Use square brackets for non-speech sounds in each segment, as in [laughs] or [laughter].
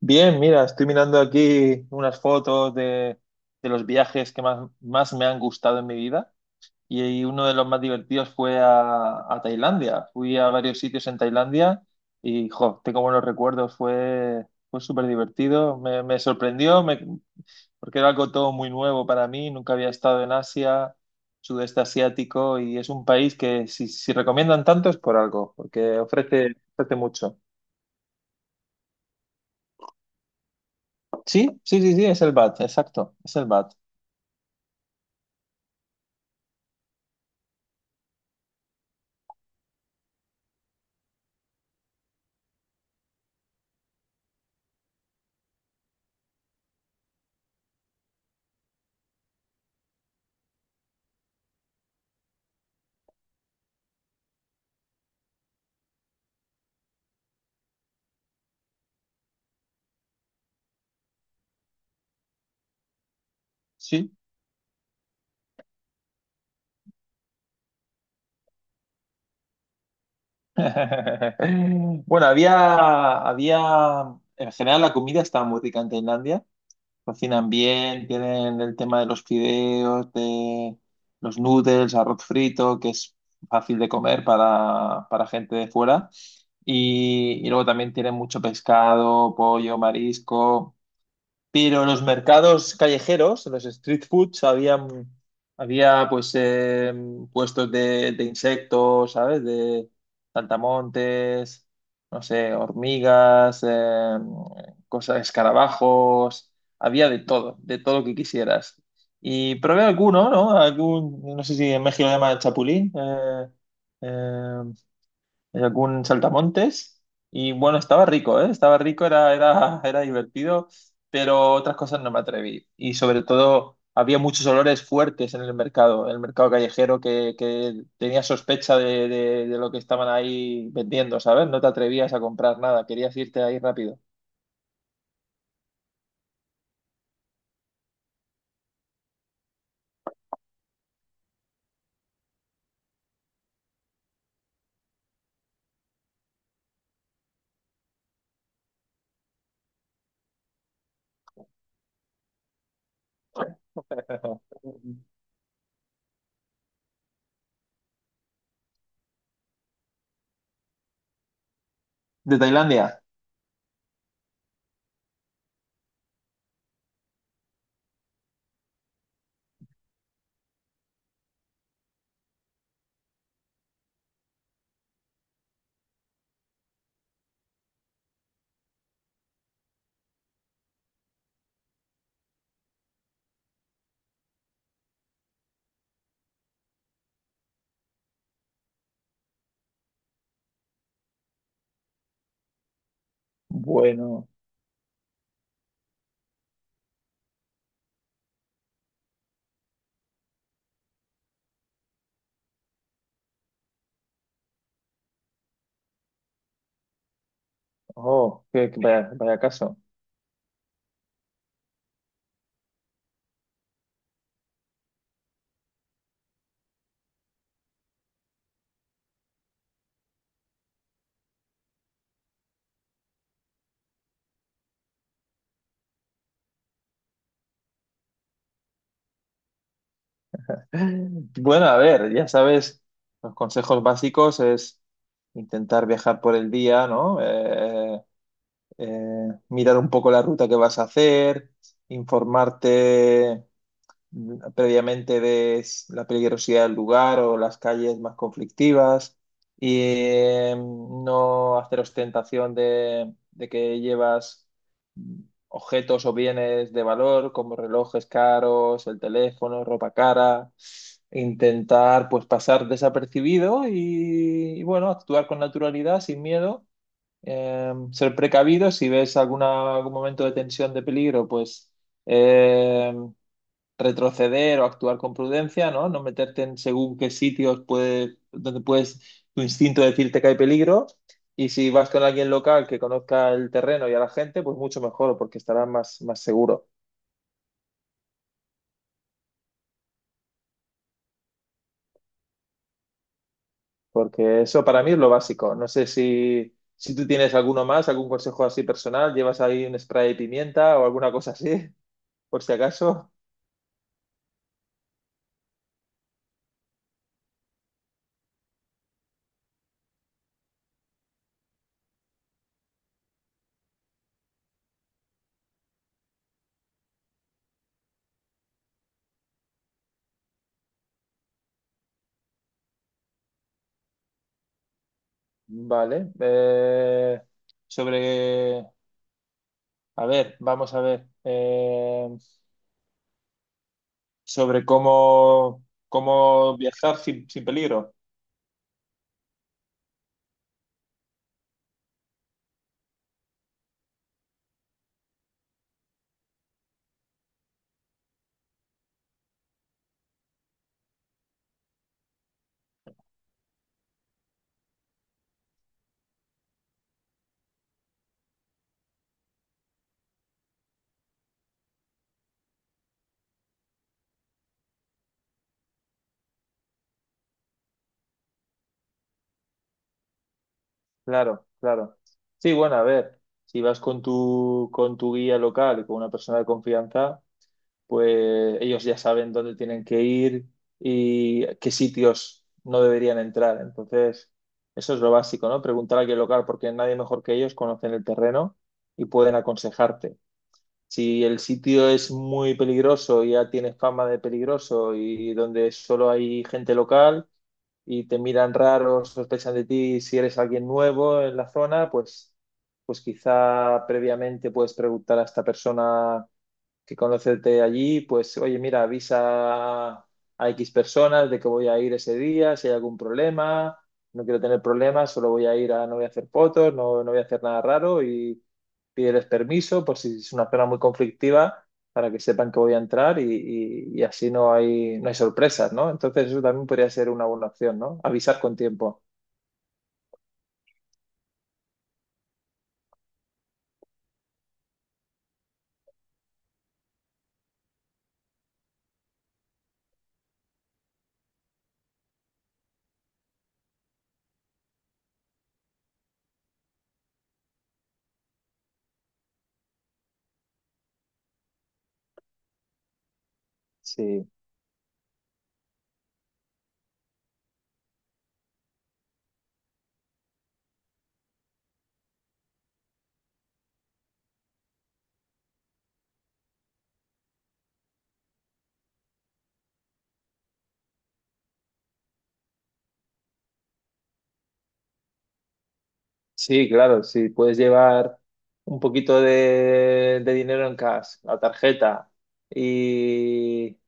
Bien, mira, estoy mirando aquí unas fotos de los viajes que más me han gustado en mi vida, y uno de los más divertidos fue a Tailandia. Fui a varios sitios en Tailandia y, jo, tengo buenos recuerdos, fue súper divertido, me sorprendió porque era algo todo muy nuevo para mí, nunca había estado en Asia, sudeste asiático, y es un país que si recomiendan tanto es por algo, porque ofrece mucho. Sí, sí, sí, sí, es el BAT, exacto, es el BAT. Sí, [laughs] bueno, había en general, la comida está muy rica en Tailandia. Cocinan bien, tienen el tema de los fideos, de los noodles, arroz frito, que es fácil de comer para gente de fuera. Y luego también tienen mucho pescado, pollo, marisco. Pero los mercados callejeros, los street foods, había pues puestos de insectos, ¿sabes? De saltamontes, no sé, hormigas, cosas, escarabajos, había de todo lo que quisieras. Y probé alguno, ¿no? Algún, no sé si en México lo llaman chapulín, eh, hay algún saltamontes. Y bueno, estaba rico, ¿eh? Estaba rico, era divertido, pero otras cosas no me atreví. Y sobre todo, había muchos olores fuertes en el mercado callejero, que tenía sospecha de lo que estaban ahí vendiendo, ¿sabes? No te atrevías a comprar nada, querías irte ahí rápido. [laughs] ¿De Tailandia? Bueno, oh, vaya, vaya caso. Bueno, a ver, ya sabes, los consejos básicos es intentar viajar por el día, ¿no? Mirar un poco la ruta que vas a hacer, informarte previamente, ves la peligrosidad del lugar o las calles más conflictivas, y no hacer ostentación de que llevas mm, objetos o bienes de valor como relojes caros, el teléfono, ropa cara. Intentar pues pasar desapercibido y bueno, actuar con naturalidad, sin miedo. Ser precavido, si ves alguna, algún momento de tensión, de peligro, pues em, retroceder o actuar con prudencia, ¿no? No meterte en según qué sitios puede, donde puedes, tu instinto decirte que hay peligro. Y si vas con alguien local que conozca el terreno y a la gente, pues mucho mejor, porque estarás más seguro. Porque eso para mí es lo básico. No sé si tú tienes alguno más, algún consejo así personal, llevas ahí un spray de pimienta o alguna cosa así, [laughs] por si acaso. Vale. Sobre, a ver, vamos a ver. Sobre cómo, cómo viajar sin peligro. Claro, claro. Sí, bueno, a ver, si vas con con tu guía local y con una persona de confianza, pues ellos ya saben dónde tienen que ir y qué sitios no deberían entrar. Entonces, eso es lo básico, ¿no? Preguntar a alguien local porque nadie mejor que ellos conocen el terreno y pueden aconsejarte. Si el sitio es muy peligroso y ya tiene fama de peligroso y donde solo hay gente local, y te miran raro, sospechan de ti, si eres alguien nuevo en la zona, pues quizá previamente puedes preguntar a esta persona que conocerte allí, pues oye, mira, avisa a X personas de que voy a ir ese día, si hay algún problema, no quiero tener problemas, solo voy a ir a, no voy a hacer fotos, no, no voy a hacer nada raro, y pídeles permiso por si es una zona muy conflictiva para que sepan que voy a entrar y, y así no hay, no hay sorpresas, ¿no? Entonces eso también podría ser una buena opción, ¿no? Avisar con tiempo. Sí. Sí, claro, si puedes llevar un poquito de dinero en cash, la tarjeta y,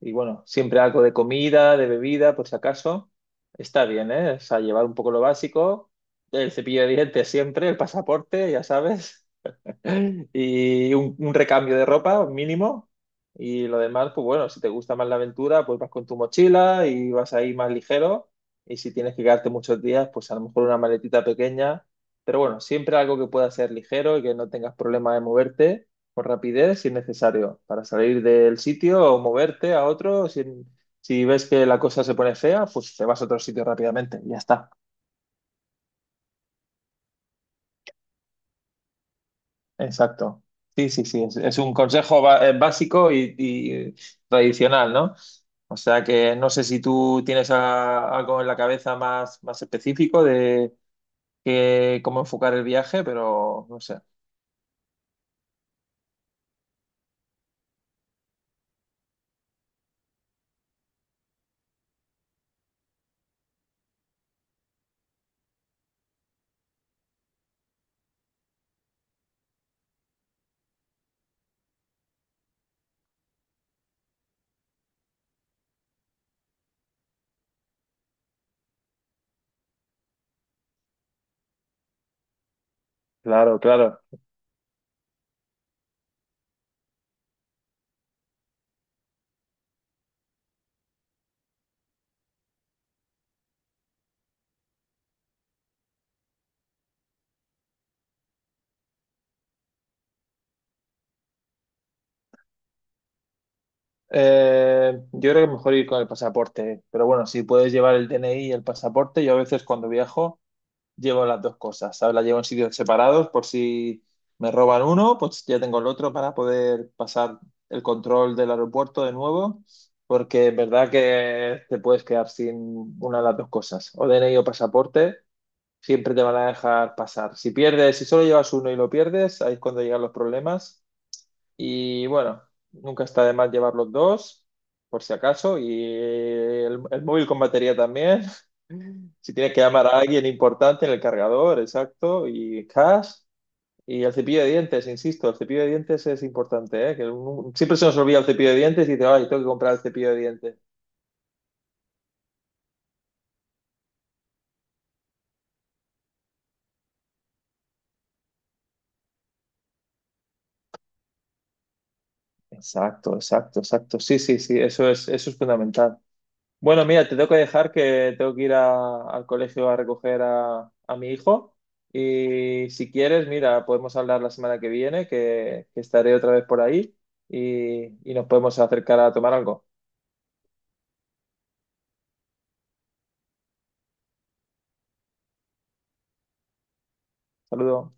y bueno, siempre algo de comida, de bebida, por si acaso, está bien, ¿eh? O sea, llevar un poco lo básico, el cepillo de dientes siempre, el pasaporte, ya sabes, [laughs] Y un recambio de ropa mínimo. Y lo demás, pues bueno, si te gusta más la aventura, pues vas con tu mochila y vas ahí más ligero. Y si tienes que quedarte muchos días, pues a lo mejor una maletita pequeña. Pero bueno, siempre algo que pueda ser ligero y que no tengas problema de moverte con rapidez si es necesario, para salir del sitio o moverte a otro. Si, si ves que la cosa se pone fea, pues te vas a otro sitio rápidamente y ya está. Exacto. Sí, sí, sí. Es un consejo básico y tradicional, ¿no? O sea que no sé si tú tienes algo en la cabeza más, más específico de cómo enfocar el viaje, pero no sé. Claro, claro. Yo creo que mejor ir con el pasaporte, pero bueno, si puedes llevar el DNI y el pasaporte, yo a veces cuando viajo llevo las dos cosas, ¿sabes? Las llevo en sitios separados por si me roban uno, pues ya tengo el otro para poder pasar el control del aeropuerto de nuevo, porque es verdad que te puedes quedar sin una de las dos cosas, o DNI o pasaporte, siempre te van a dejar pasar. Si pierdes, si solo llevas uno y lo pierdes, ahí es cuando llegan los problemas. Y bueno, nunca está de más llevar los dos, por si acaso, y el móvil con batería también, si tienes que llamar a alguien importante, en el cargador, exacto, y cash, y el cepillo de dientes, insisto, el cepillo de dientes es importante, ¿eh? Que siempre se nos olvida el cepillo de dientes y dice, ay, tengo que comprar el cepillo de dientes. Exacto, exacto, exacto. Sí, sí, sí, eso es fundamental. Bueno, mira, te tengo que dejar, que tengo que ir al colegio a recoger a mi hijo. Y si quieres, mira, podemos hablar la semana que viene, que estaré otra vez por ahí y nos podemos acercar a tomar algo. Saludos.